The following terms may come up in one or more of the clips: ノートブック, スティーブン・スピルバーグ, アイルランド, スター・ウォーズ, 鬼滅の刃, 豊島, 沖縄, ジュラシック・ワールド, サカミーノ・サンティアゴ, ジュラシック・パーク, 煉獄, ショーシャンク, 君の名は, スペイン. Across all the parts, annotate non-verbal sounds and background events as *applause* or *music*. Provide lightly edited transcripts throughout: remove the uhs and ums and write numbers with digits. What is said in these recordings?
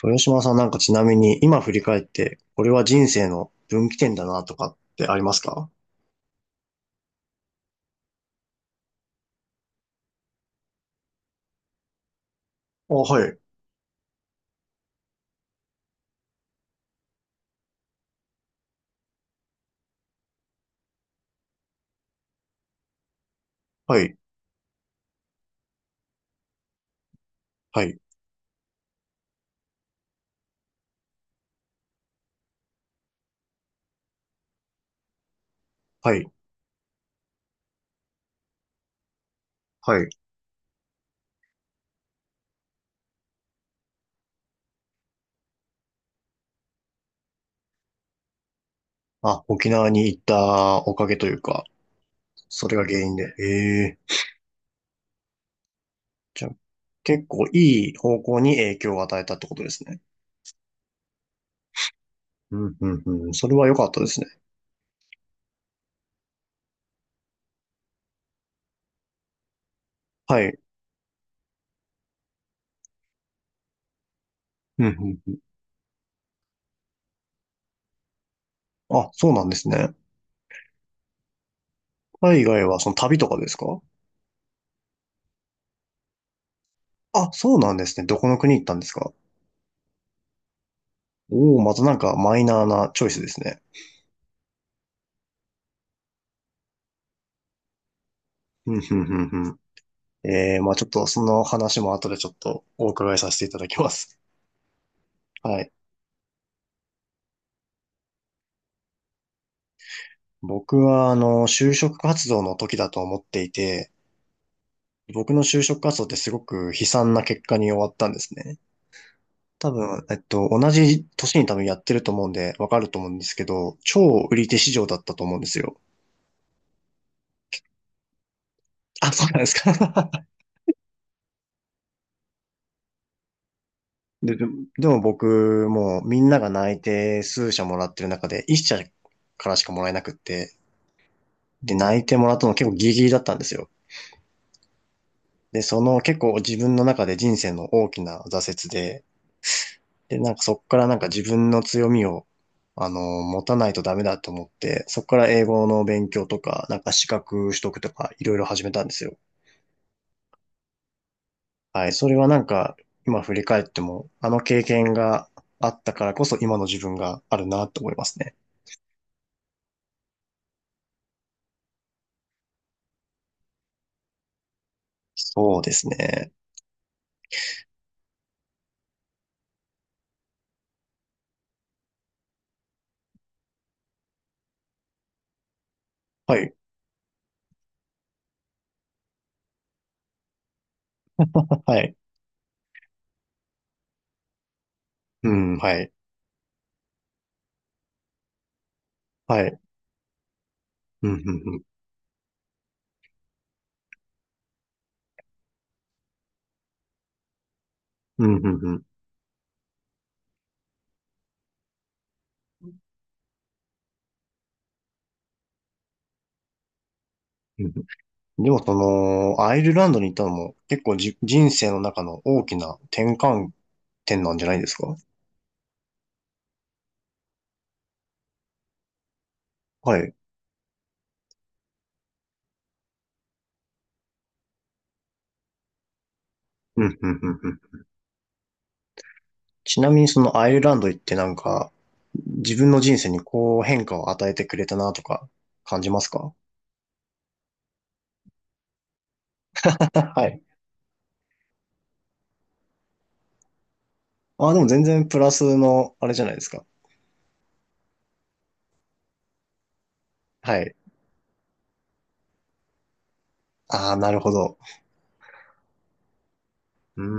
豊島さんなんかちなみに今振り返って、これは人生の分岐点だなとかってありますか？あ、はい、はい、はい、はい、はい。あ、沖縄に行ったおかげというか、それが原因で。ええ、じゃあ、結構いい方向に影響を与えたってことですね。うん、うん、うん。それは良かったですね。はい。うん、うん、うん。あ、そうなんですね。海外はその旅とかですか？あ、そうなんですね。どこの国行ったんですか？おおー、またなんかマイナーなチョイスですね。うん、うん、うん、まあちょっとその話も後でちょっとお伺いさせていただきます。*laughs* はい。僕は、就職活動の時だと思っていて、僕の就職活動ってすごく悲惨な結果に終わったんですね。多分、同じ年に多分やってると思うんで、わかると思うんですけど、超売り手市場だったと思うんですよ。あ、そうなんですか。*laughs* で、でも僕、もうみんなが内定数社もらってる中で、1社からしかもらえなくって、で、内定もらったの結構ギリギリだったんですよ。で、その結構自分の中で人生の大きな挫折で、で、なんかそこからなんか自分の強みを、持たないとダメだと思って、そこから英語の勉強とか、なんか資格取得とか、いろいろ始めたんですよ。はい。それはなんか、今振り返っても、あの経験があったからこそ今の自分があるなと思いますね。そうですね。はい。はい。うん、はい。はい。うん、うん、うん。うん、うん、うん。うん、でもその、アイルランドに行ったのも結構じ、人生の中の大きな転換点なんじゃないですか？はい。うん、うん、うん、うん。ちなみにそのアイルランド行ってなんか、自分の人生にこう変化を与えてくれたなとか感じますか？ *laughs* はい。ああ、でも全然プラスのあれじゃないですか。はい。ああ、なるほど。うーん、う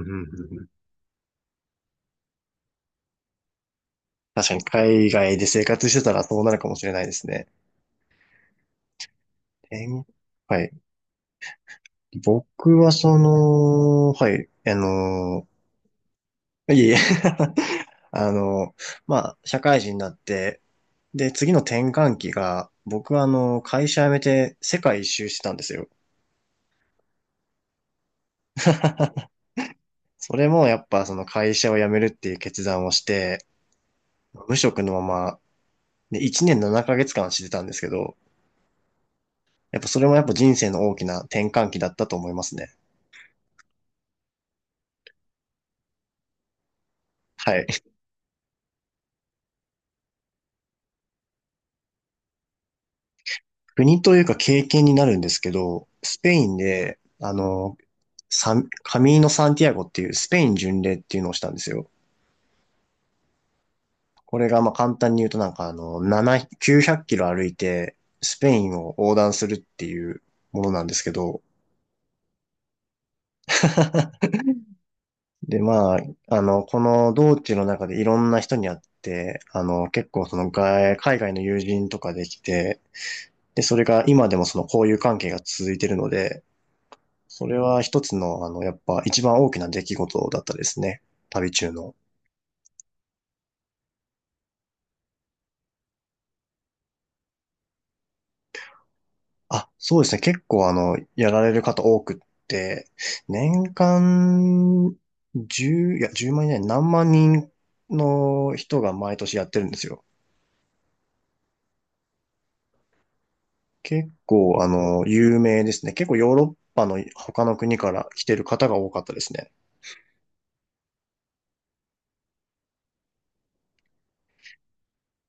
ん、うん、うん、確かに海外で生活してたらそうなるかもしれないですね。えー、はい。僕はその、はい、いえいえ。 *laughs* あの、まあ、社会人になって、で、次の転換期が、僕は会社辞めて世界一周してたんですよ。*laughs* それもやっぱその会社を辞めるっていう決断をして、無職のまま、で、1年7ヶ月間してたんですけど、やっぱそれもやっぱ人生の大きな転換期だったと思いますね。はい。国というか経験になるんですけど、スペインで、サカミーノ・サンティアゴっていうスペイン巡礼っていうのをしたんですよ。これがまあ簡単に言うとなんか7、900キロ歩いてスペインを横断するっていうものなんですけど。*laughs* で、まあ、この道中の中でいろんな人に会って、結構その海外の友人とかできて、で、それが今でもその交友関係が続いてるので、それは一つの、やっぱ一番大きな出来事だったですね。旅中の。あ、そうですね。結構やられる方多くって、年間1いや、1万人何万人の人が毎年やってるんですよ。結構有名ですね。結構ヨーロッパの他の国から来てる方が多かったですね。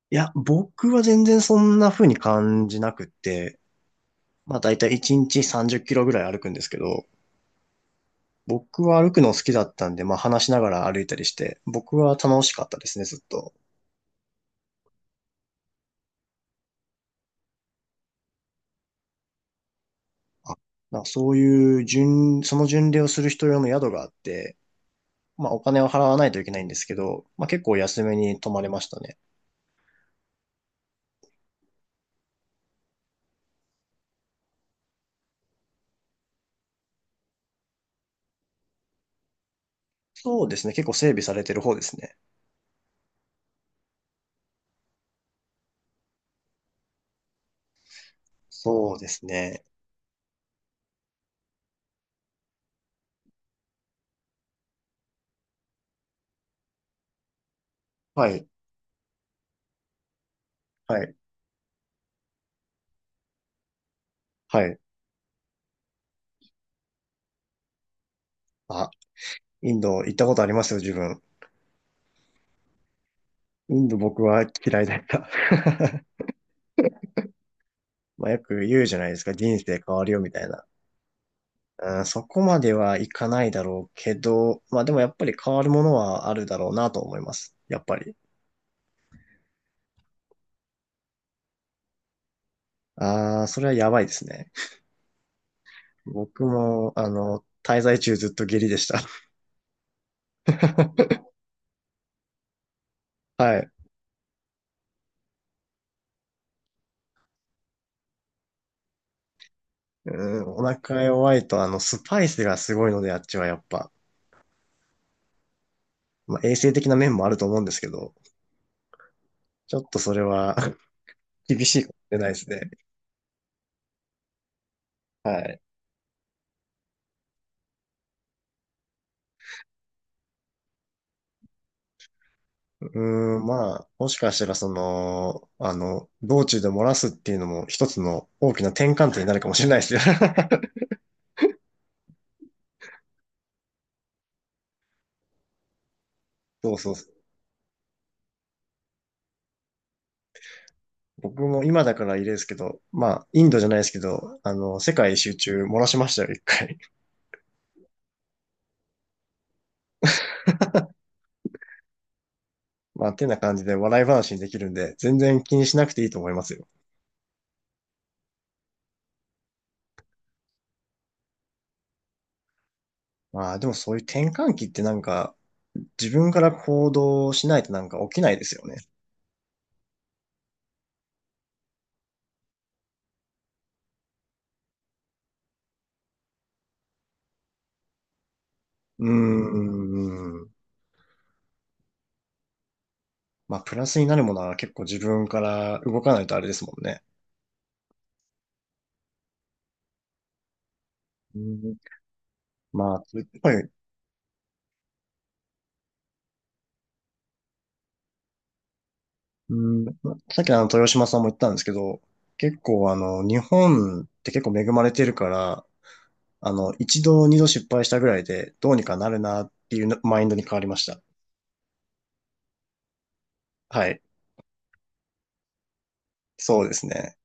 いや、僕は全然そんな風に感じなくって、まあ大体1日30キロぐらい歩くんですけど、僕は歩くの好きだったんで、まあ話しながら歩いたりして、僕は楽しかったですね、ずっと。あ、そういうその巡礼をする人用の宿があって、まあお金を払わないといけないんですけど、まあ結構安めに泊まれましたね。そうですね。結構整備されてる方ですね。そうですね。はい。はい。はい。あ、インド行ったことありますよ、自分。インド僕は嫌いだった。*laughs* まあよく言うじゃないですか。人生変わるよ、みたいな。うん、そこまではいかないだろうけど、まあでもやっぱり変わるものはあるだろうなと思います。やっぱり。ああ、それはやばいですね。僕も、滞在中ずっと下痢でした。*laughs* はい。うん、お腹弱いと、スパイスがすごいので、あっちはやっぱ。まあ、衛生的な面もあると思うんですけど、ちょっとそれは *laughs* 厳しいかもしれないですね。はい。うーん、まあ、もしかしたらその、道中で漏らすっていうのも一つの大きな転換点になるかもしれないですよ。*laughs* そうそうそう。僕も今だからいいですけど、まあ、インドじゃないですけど、世界一周中漏らしましたよ、一回。まあ、てな感じで笑い話にできるんで、全然気にしなくていいと思いますよ。まあ、でもそういう転換期ってなんか、自分から行動しないとなんか起きないですよね。うーん。まあ、プラスになるものは結構自分から動かないとあれですもんね。うん、まあ、やっぱり、うん、さっきのあの豊島さんも言ったんですけど、結構あの、日本って結構恵まれてるから、一度二度失敗したぐらいで、どうにかなるなっていうマインドに変わりました。はい。そうですね。